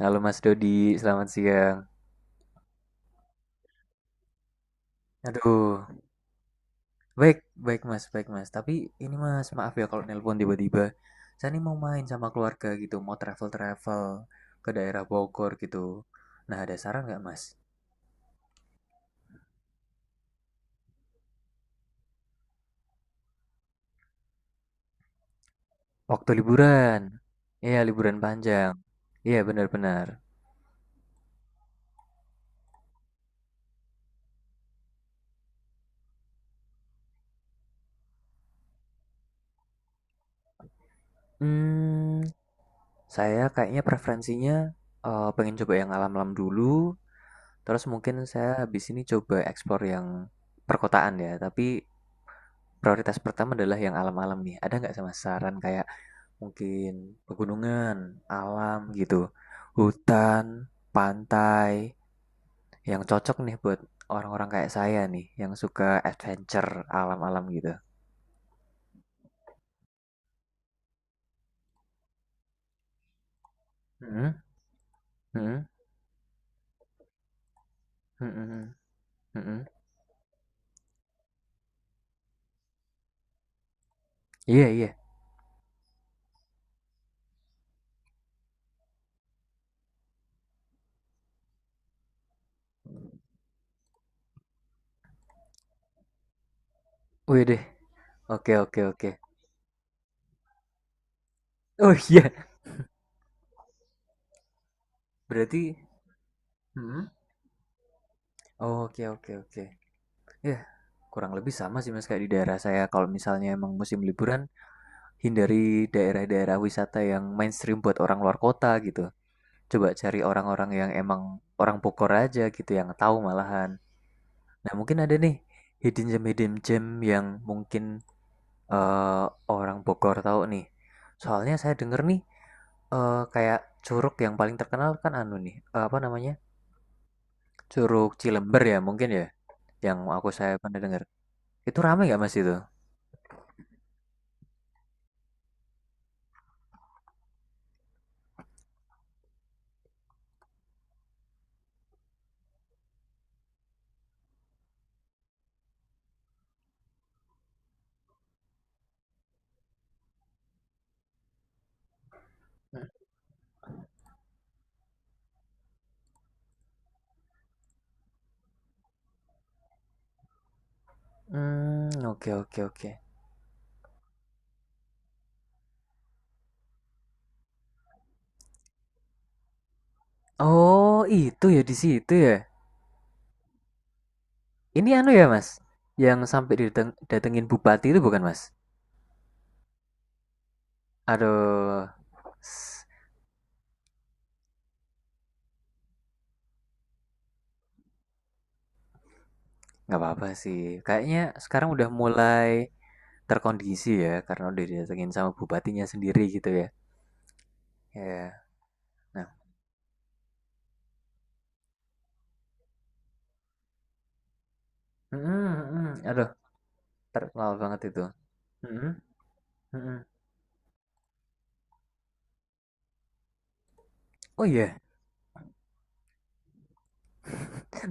Halo Mas Dodi, selamat siang. Aduh, baik, baik Mas, baik Mas. Tapi ini Mas, maaf ya kalau nelpon tiba-tiba. Saya ini mau main sama keluarga gitu, mau travel-travel ke daerah Bogor gitu. Nah, ada saran nggak Mas? Waktu liburan. Iya, liburan panjang. Iya, benar-benar. Hmm, saya kayaknya preferensinya pengen coba yang alam-alam dulu. Terus mungkin saya habis ini coba explore yang perkotaan ya. Tapi prioritas pertama adalah yang alam-alam nih. Ada nggak sama saran kayak mungkin pegunungan, alam gitu, hutan, pantai, yang cocok nih buat orang-orang kayak saya nih, yang suka adventure alam-alam gitu. Mhm, mhm, mhm, mhm, mhm. Iya, iya. Wih deh. Oke, oke, oke. Oh iya. Berarti. Mhm. Oh, oke, oke, oke. Ya kurang lebih sama sih mas kayak di daerah saya. Kalau misalnya emang musim liburan, hindari daerah-daerah wisata yang mainstream buat orang luar kota gitu. Coba cari orang-orang yang emang orang Bogor aja gitu yang tahu malahan. Nah, mungkin ada nih hidden gem yang mungkin eh, orang Bogor tahu nih. Soalnya saya denger nih kayak curug yang paling terkenal kan anu nih, apa namanya? Curug Cilember ya mungkin ya yang saya pernah dengar. Itu ramai nggak Mas itu? Hmm, oke, oke, oke. Oh, itu ya di situ ya. Ini anu ya mas, yang sampai datengin bupati itu bukan mas? Aduh, s- nggak apa-apa sih. Kayaknya sekarang udah mulai terkondisi ya, karena udah didatengin sama bupatinya sendiri gitu ya. Ya, nah, mm-mm, mm-mm. Aduh, terkenal banget itu. Mm-mm, mm-mm. Oh iya,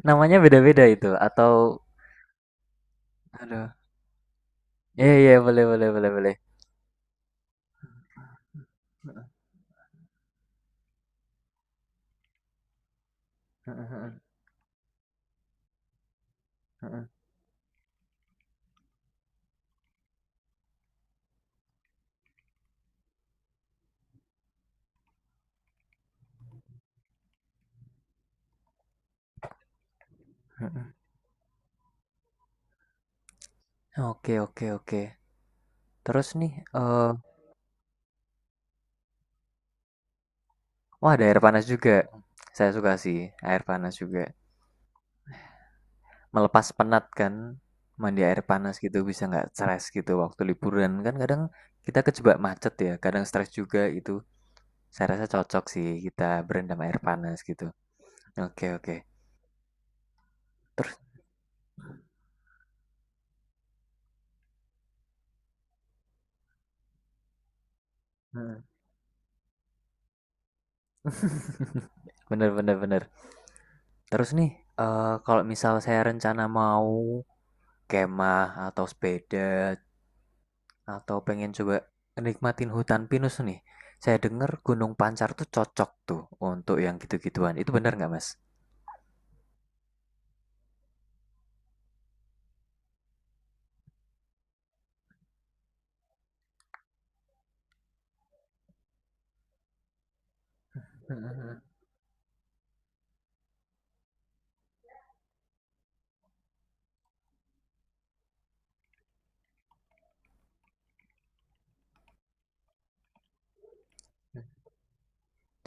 namanya beda-beda itu atau, aduh, iya, iya, boleh, boleh, boleh, boleh. Mm-mm, mm-mm, mm-mm, mm-mm. Oke, oke, oke. Terus nih, wah, ada air panas juga. Saya suka sih air panas juga. Melepas penat kan, mandi air panas gitu bisa nggak stres gitu waktu liburan kan kadang kita kejebak macet ya, kadang stres juga itu. Saya rasa cocok sih kita berendam air panas gitu. Oke, oke. Terus, hmm. bener, bener, bener. Terus nih, kalau misal saya rencana mau kemah atau sepeda atau pengen coba nikmatin hutan pinus nih. Saya dengar Gunung Pancar tuh cocok tuh untuk yang gitu-gituan. Itu benar nggak, Mas?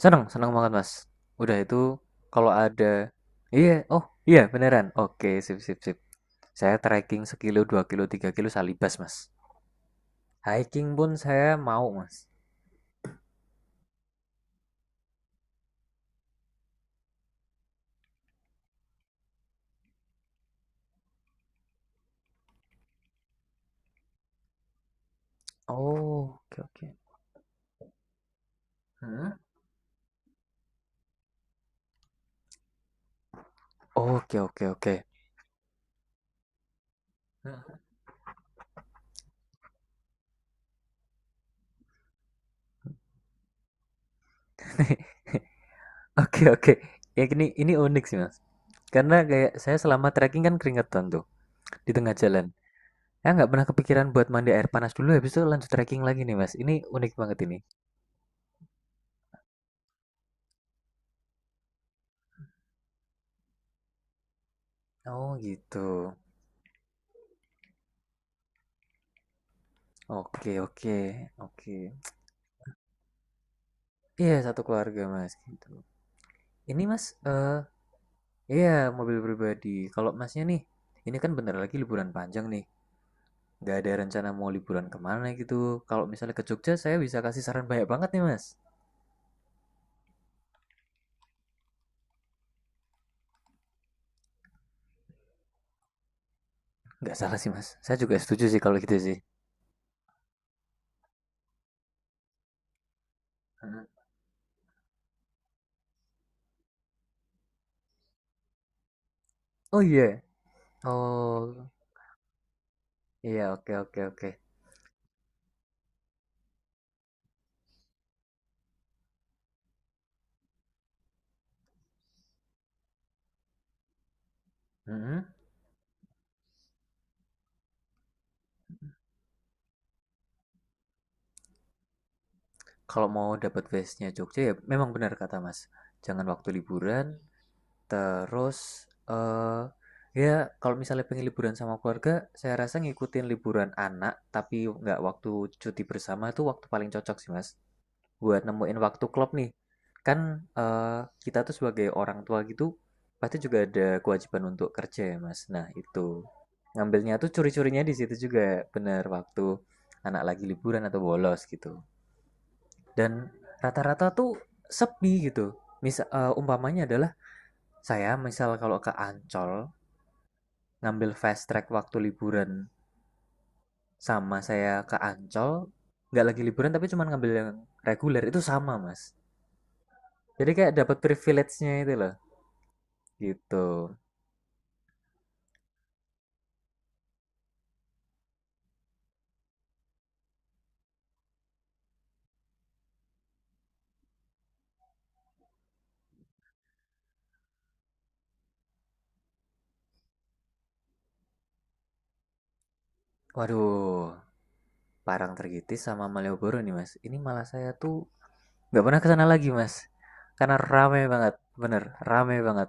Seneng, seneng banget, Mas. Udah itu kalau ada. Iya, oh iya beneran. Oke, sip, sip, sip. Saya trekking sekilo, 2 kilo, 3 kilo salibas, Mas. Hiking pun saya mau, Mas. Oh, oke, oke. Hah? Oke, oke, oke. Oke, oke. Ya ini unik sih mas. Karena kayak saya selama trekking kan keringetan tuh di tengah jalan. Saya nggak pernah kepikiran buat mandi air panas dulu habis itu lanjut trekking lagi nih mas. Ini unik banget ini. Oh gitu. Oke, oke, oke. Iya satu keluarga mas gitu. Ini mas iya mobil pribadi. Kalau masnya nih ini kan bentar lagi liburan panjang nih. Nggak ada rencana mau liburan kemana gitu. Kalau misalnya ke Jogja saya bisa kasih saran banyak banget nih mas. Nggak salah sih mas. Saya juga setuju sih kalau gitu sih. Mhm. Oh iya. Oh iya, oke, oke, oke. Mhm. Kalau mau dapat vibes-nya Jogja ya memang benar kata Mas. Jangan waktu liburan. Terus eh ya kalau misalnya pengen liburan sama keluarga, saya rasa ngikutin liburan anak tapi nggak waktu cuti bersama itu waktu paling cocok sih Mas. Buat nemuin waktu klub nih. Kan kita tuh sebagai orang tua gitu pasti juga ada kewajiban untuk kerja ya, Mas. Nah, itu. Ngambilnya tuh curi-curinya di situ juga, bener waktu anak lagi liburan atau bolos gitu. Dan rata-rata tuh sepi gitu. Misal umpamanya adalah saya misal kalau ke Ancol ngambil fast track waktu liburan sama saya ke Ancol nggak lagi liburan tapi cuma ngambil yang reguler itu sama mas jadi kayak dapat privilege-nya itu loh. Gitu. Waduh, Parangtritis sama Malioboro nih mas. Ini malah saya tuh nggak pernah kesana lagi mas, karena rame banget, bener rame banget.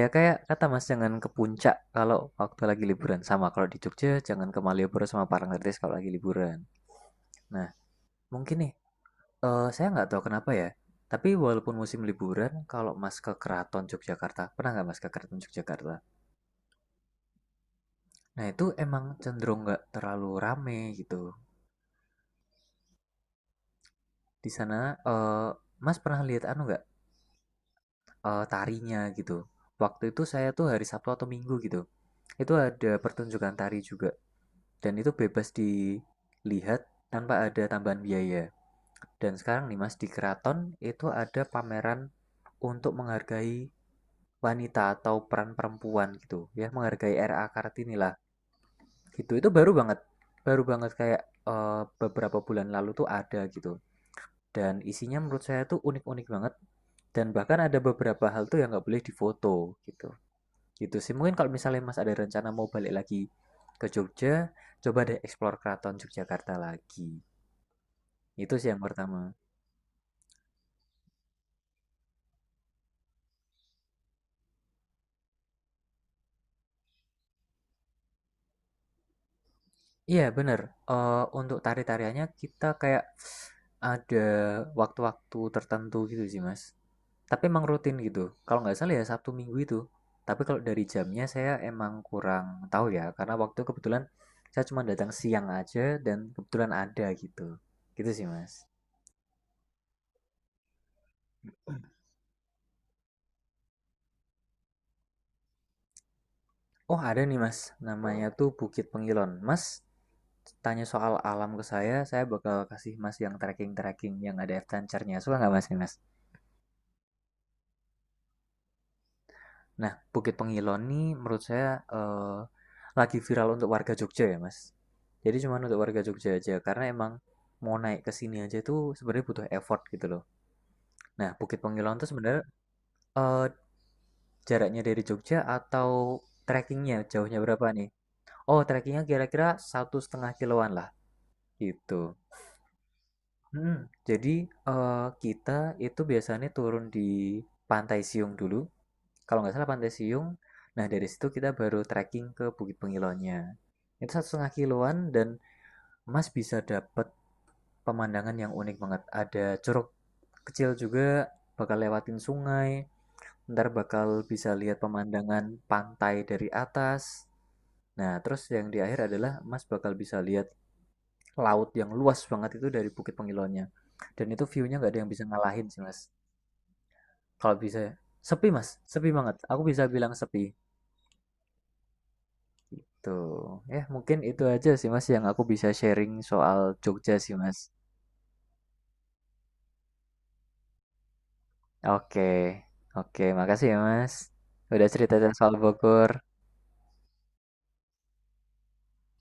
Ya kayak kata mas jangan ke puncak kalau waktu lagi liburan sama kalau di Jogja jangan ke Malioboro sama Parangtritis kalau lagi liburan. Nah mungkin nih saya nggak tahu kenapa ya. Tapi walaupun musim liburan, kalau mas ke Keraton Yogyakarta, pernah nggak mas ke Keraton Yogyakarta? Nah itu emang cenderung nggak terlalu rame gitu. Di sana Mas pernah lihat anu nggak tarinya gitu. Waktu itu saya tuh hari Sabtu atau Minggu gitu. Itu ada pertunjukan tari juga dan itu bebas dilihat tanpa ada tambahan biaya. Dan sekarang nih Mas di keraton itu ada pameran untuk menghargai wanita atau peran perempuan gitu ya menghargai RA Kartini lah gitu itu baru banget kayak beberapa bulan lalu tuh ada gitu. Dan isinya menurut saya tuh unik-unik banget. Dan bahkan ada beberapa hal tuh yang nggak boleh difoto gitu. Gitu sih. Mungkin kalau misalnya Mas ada rencana mau balik lagi ke Jogja, coba deh explore Keraton Yogyakarta lagi. Itu sih yang pertama. Iya bener. Eh, untuk tari-tariannya kita kayak ada waktu-waktu tertentu gitu sih Mas. Tapi emang rutin gitu. Kalau nggak salah ya Sabtu Minggu itu. Tapi kalau dari jamnya saya emang kurang tahu ya, karena waktu kebetulan saya cuma datang siang aja dan kebetulan ada gitu. Gitu sih Mas. Oh ada nih Mas, namanya tuh Bukit Pengilon. Mas tanya soal alam ke saya bakal kasih Mas yang trekking-trekking yang ada adventure-nya. Suka nggak Mas nih Mas? Nah, Bukit Pengilon nih menurut saya eh, lagi viral untuk warga Jogja ya, Mas. Jadi cuma untuk warga Jogja aja karena emang mau naik ke sini aja tuh sebenarnya butuh effort gitu loh. Nah, Bukit Pengilon tuh sebenarnya eh, jaraknya dari Jogja atau trekkingnya jauhnya berapa nih? Oh, trekkingnya kira-kira 1,5 kiloan lah gitu. Hmm, jadi kita itu biasanya turun di Pantai Siung dulu. Kalau nggak salah Pantai Siung. Nah dari situ kita baru trekking ke Bukit Pengilonya. Itu 1,5 kiloan dan Mas bisa dapat pemandangan yang unik banget. Ada curug kecil juga, bakal lewatin sungai, ntar bakal bisa lihat pemandangan pantai dari atas. Nah terus yang di akhir adalah Mas bakal bisa lihat laut yang luas banget itu dari Bukit Pengilonya. Dan itu view-nya nggak ada yang bisa ngalahin sih mas. Kalau bisa, sepi mas, sepi banget. Aku bisa bilang sepi. Tuh, ya mungkin itu aja sih Mas yang aku bisa sharing soal Jogja sih Mas. Oke, oke, makasih ya Mas. Udah cerita soal Bogor.